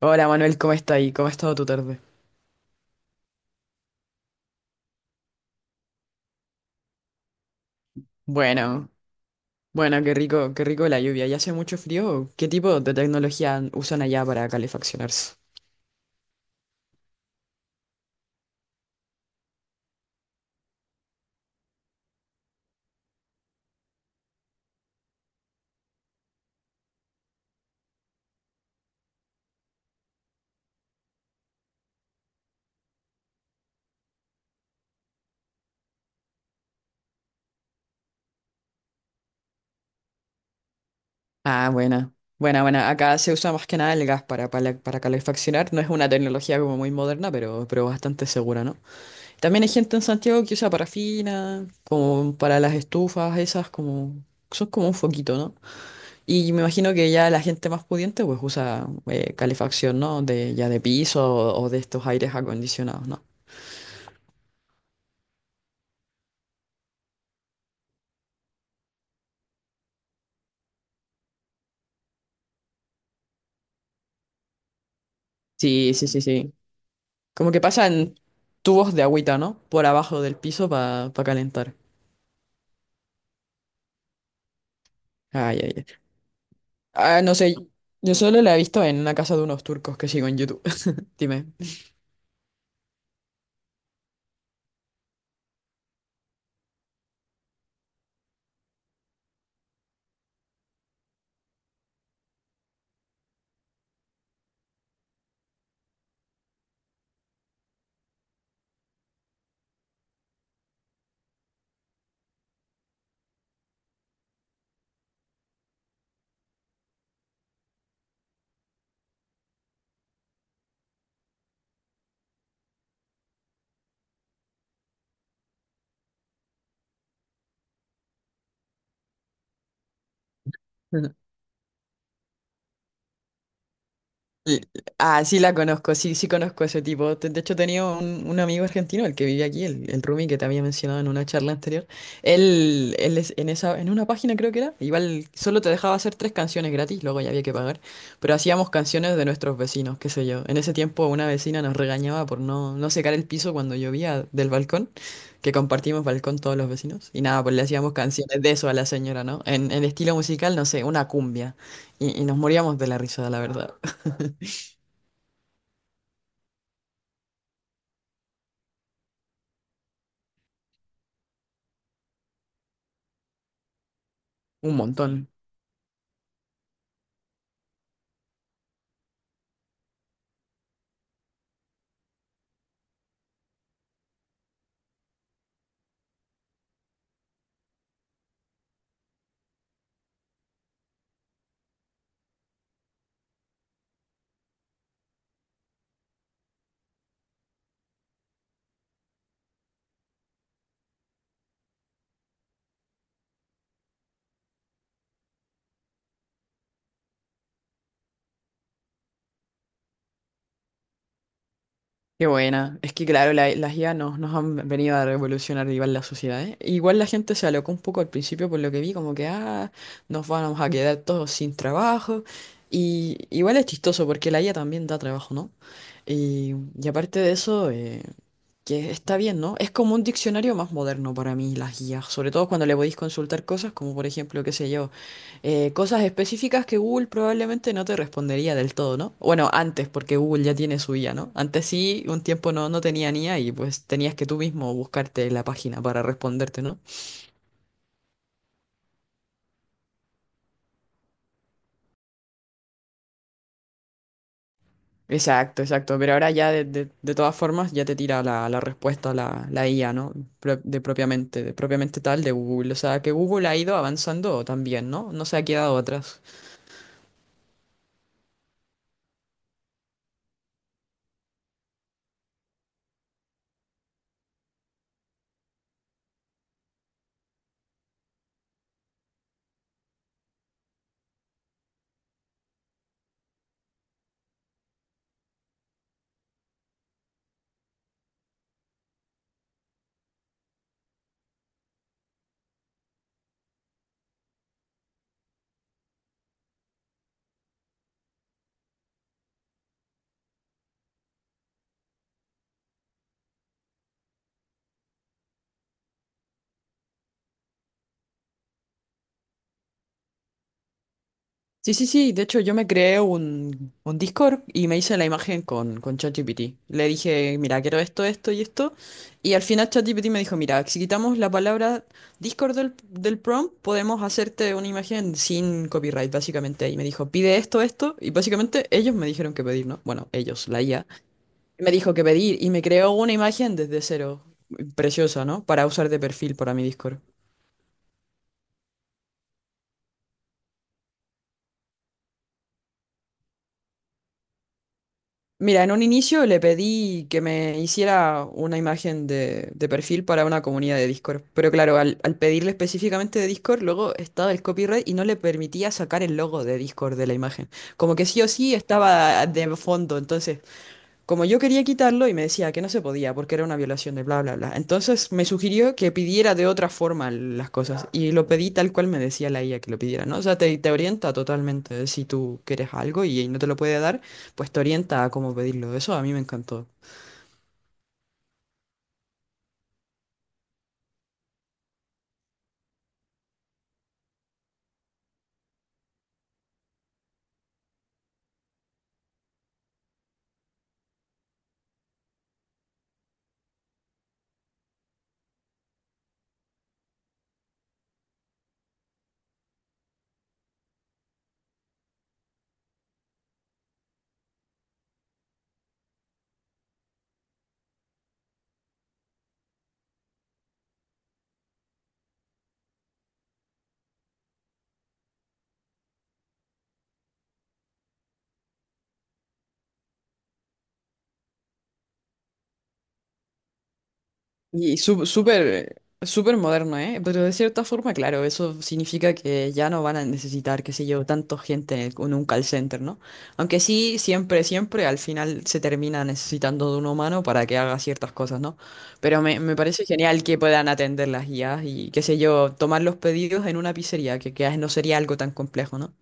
Hola Manuel, ¿cómo está ahí? ¿Cómo ha estado tu tarde? Bueno, bueno, qué rico la lluvia. ¿Ya hace mucho frío? ¿Qué tipo de tecnología usan allá para calefaccionarse? Ah, buena, buena, buena. Acá se usa más que nada el gas para calefaccionar. No es una tecnología como muy moderna, pero bastante segura, ¿no? También hay gente en Santiago que usa parafina, como para las estufas, esas como... son como un foquito, ¿no? Y me imagino que ya la gente más pudiente pues usa calefacción, ¿no? De, ya de piso o de estos aires acondicionados, ¿no? Sí, sí, sí, sí. Como que pasan tubos de agüita, ¿no? Por abajo del piso para calentar. Ay, ay, ay. Ah, no sé. Yo solo la he visto en una casa de unos turcos que sigo en YouTube. Dime. L- ah, sí la conozco, sí, sí conozco a ese tipo. Te- de hecho, tenía un amigo argentino, el que vivía aquí, el Rumi que te había mencionado en una charla anterior. En esa, en una página creo que era, igual solo te dejaba hacer tres canciones gratis, luego ya había que pagar. Pero hacíamos canciones de nuestros vecinos, qué sé yo. En ese tiempo una vecina nos regañaba por no secar el piso cuando llovía del balcón, que compartimos balcón todos los vecinos. Y nada, pues le hacíamos canciones de eso a la señora, ¿no? En estilo musical, no sé, una cumbia. Y nos moríamos de la risa, la verdad. Un montón. Qué buena. Es que, claro, las IA nos, nos han venido a revolucionar igual la sociedad, ¿eh? Igual la gente se alocó un poco al principio por lo que vi, como que, ah, nos vamos a quedar todos sin trabajo. Y igual es chistoso porque la IA también da trabajo, ¿no? Y, y aparte de eso, que está bien, ¿no? Es como un diccionario más moderno para mí, las guías, sobre todo cuando le podéis consultar cosas como, por ejemplo, qué sé yo. Cosas específicas que Google probablemente no te respondería del todo, ¿no? Bueno, antes, porque Google ya tiene su IA, ¿no? Antes sí, un tiempo no, no tenía ni a y pues tenías que tú mismo buscarte la página para responderte, ¿no? Exacto, exacto. Pero ahora ya de todas formas ya te tira la, la respuesta la, la IA, ¿no? Pro- de propiamente tal de Google. O sea, que Google ha ido avanzando también, ¿no? No se ha quedado atrás. Sí, sí, sí. De hecho, yo me creé un Discord y me hice la imagen con ChatGPT. Le dije, mira, quiero esto, esto y esto. Y al final ChatGPT me dijo, mira, si quitamos la palabra Discord del prompt, podemos hacerte una imagen sin copyright, básicamente. Y me dijo, pide esto, esto. Y básicamente ellos me dijeron que pedir, ¿no? Bueno, ellos, la IA. Me dijo que pedir y me creó una imagen desde cero. Preciosa, ¿no? Para usar de perfil para mi Discord. Mira, en un inicio le pedí que me hiciera una imagen de perfil para una comunidad de Discord. Pero claro, al pedirle específicamente de Discord, luego estaba el copyright y no le permitía sacar el logo de Discord de la imagen. Como que sí o sí estaba de fondo, entonces como yo quería quitarlo y me decía que no se podía porque era una violación de bla, bla, bla. Entonces me sugirió que pidiera de otra forma las cosas y lo pedí tal cual me decía la IA que lo pidiera, ¿no? O sea, te orienta totalmente. Si tú quieres algo y no te lo puede dar, pues te orienta a cómo pedirlo. Eso a mí me encantó. Y súper, súper moderno, ¿eh? Pero de cierta forma, claro, eso significa que ya no van a necesitar, qué sé yo, tanto gente en, en un call center, ¿no? Aunque sí, siempre, siempre al final se termina necesitando de un humano para que haga ciertas cosas, ¿no? Pero me parece genial que puedan atender las guías y, qué sé yo, tomar los pedidos en una pizzería, que no sería algo tan complejo, ¿no?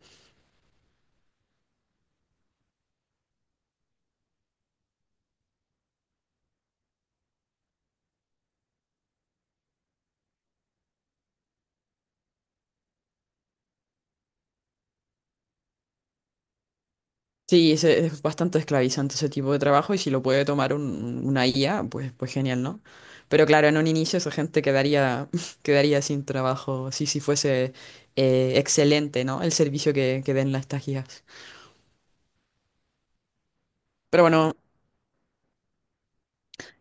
Sí, es bastante esclavizante ese tipo de trabajo y si lo puede tomar una IA, pues, pues genial, ¿no? Pero claro, en un inicio esa gente quedaría, quedaría sin trabajo, sí, si fuese excelente, ¿no? El servicio que den las estas guías. Pero bueno,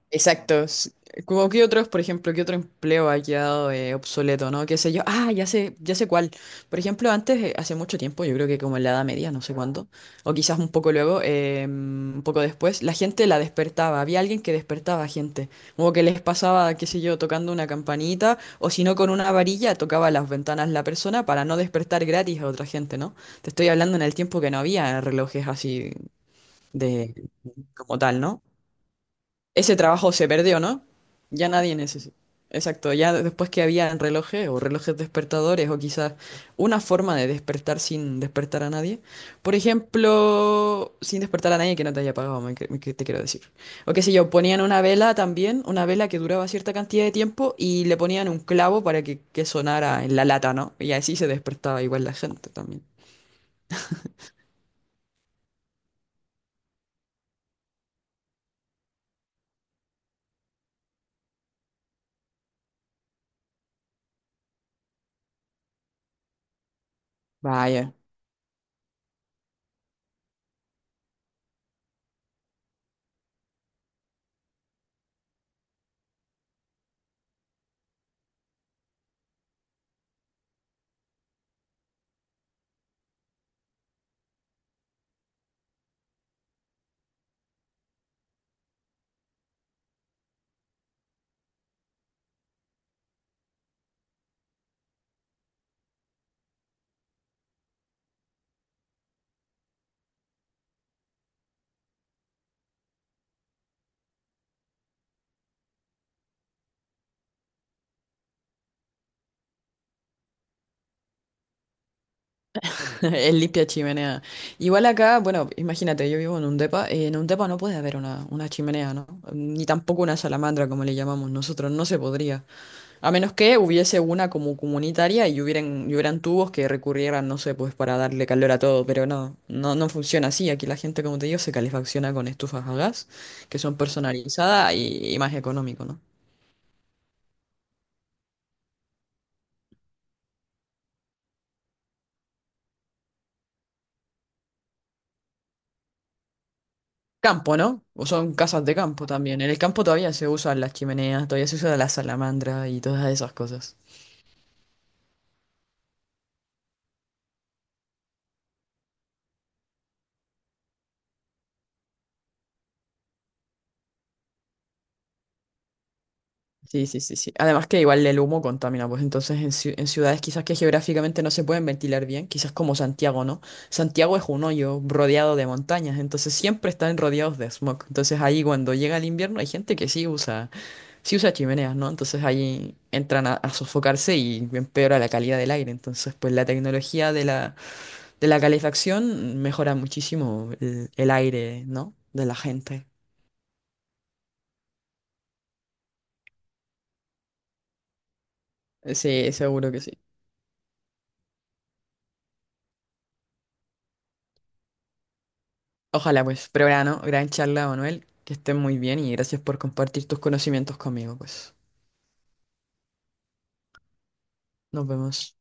exacto. S- como que otros, por ejemplo, qué otro empleo ha quedado obsoleto, ¿no? Qué sé yo. Ah, ya sé cuál. Por ejemplo, antes, hace mucho tiempo, yo creo que como en la Edad Media, no sé cuándo, o quizás un poco luego, un poco después, la gente la despertaba. Había alguien que despertaba a gente. Como que les pasaba, qué sé yo, tocando una campanita, o si no, con una varilla tocaba las ventanas la persona para no despertar gratis a otra gente, ¿no? Te estoy hablando en el tiempo que no había relojes así de como tal, ¿no? Ese trabajo se perdió, ¿no? Ya nadie necesita. Exacto, ya después que había relojes o relojes despertadores o quizás una forma de despertar sin despertar a nadie. Por ejemplo, sin despertar a nadie que no te haya pagado, me, te quiero decir. O qué sé yo, ponían una vela también, una vela que duraba cierta cantidad de tiempo y le ponían un clavo para que sonara en la lata, ¿no? Y así se despertaba igual la gente también. Vaya. El limpia chimenea. Igual acá, bueno, imagínate, yo vivo en un depa no puede haber una chimenea, ¿no? Ni tampoco una salamandra, como le llamamos nosotros, no se podría. A menos que hubiese una como comunitaria y hubieran tubos que recurrieran, no sé, pues para darle calor a todo, pero no, no, no funciona así. Aquí la gente, como te digo, se calefacciona con estufas a gas, que son personalizadas y más económico, ¿no? Campo, ¿no? O son casas de campo también. En el campo todavía se usan las chimeneas, todavía se usa la salamandra y todas esas cosas. Sí, sí, sí, sí. Además que igual el humo contamina, pues entonces en, en ciudades quizás que geográficamente no se pueden ventilar bien, quizás como Santiago, ¿no? Santiago es un hoyo rodeado de montañas, entonces siempre están rodeados de smog. Entonces ahí cuando llega el invierno hay gente que sí usa chimeneas, ¿no? Entonces ahí entran a sofocarse y empeora la calidad del aire. Entonces, pues la tecnología de la calefacción mejora muchísimo el aire, ¿no? De la gente. Sí, seguro que sí. Ojalá pues, pero gran, ¿no? Gran charla, Manuel, que estés muy bien y gracias por compartir tus conocimientos conmigo, pues. Nos vemos.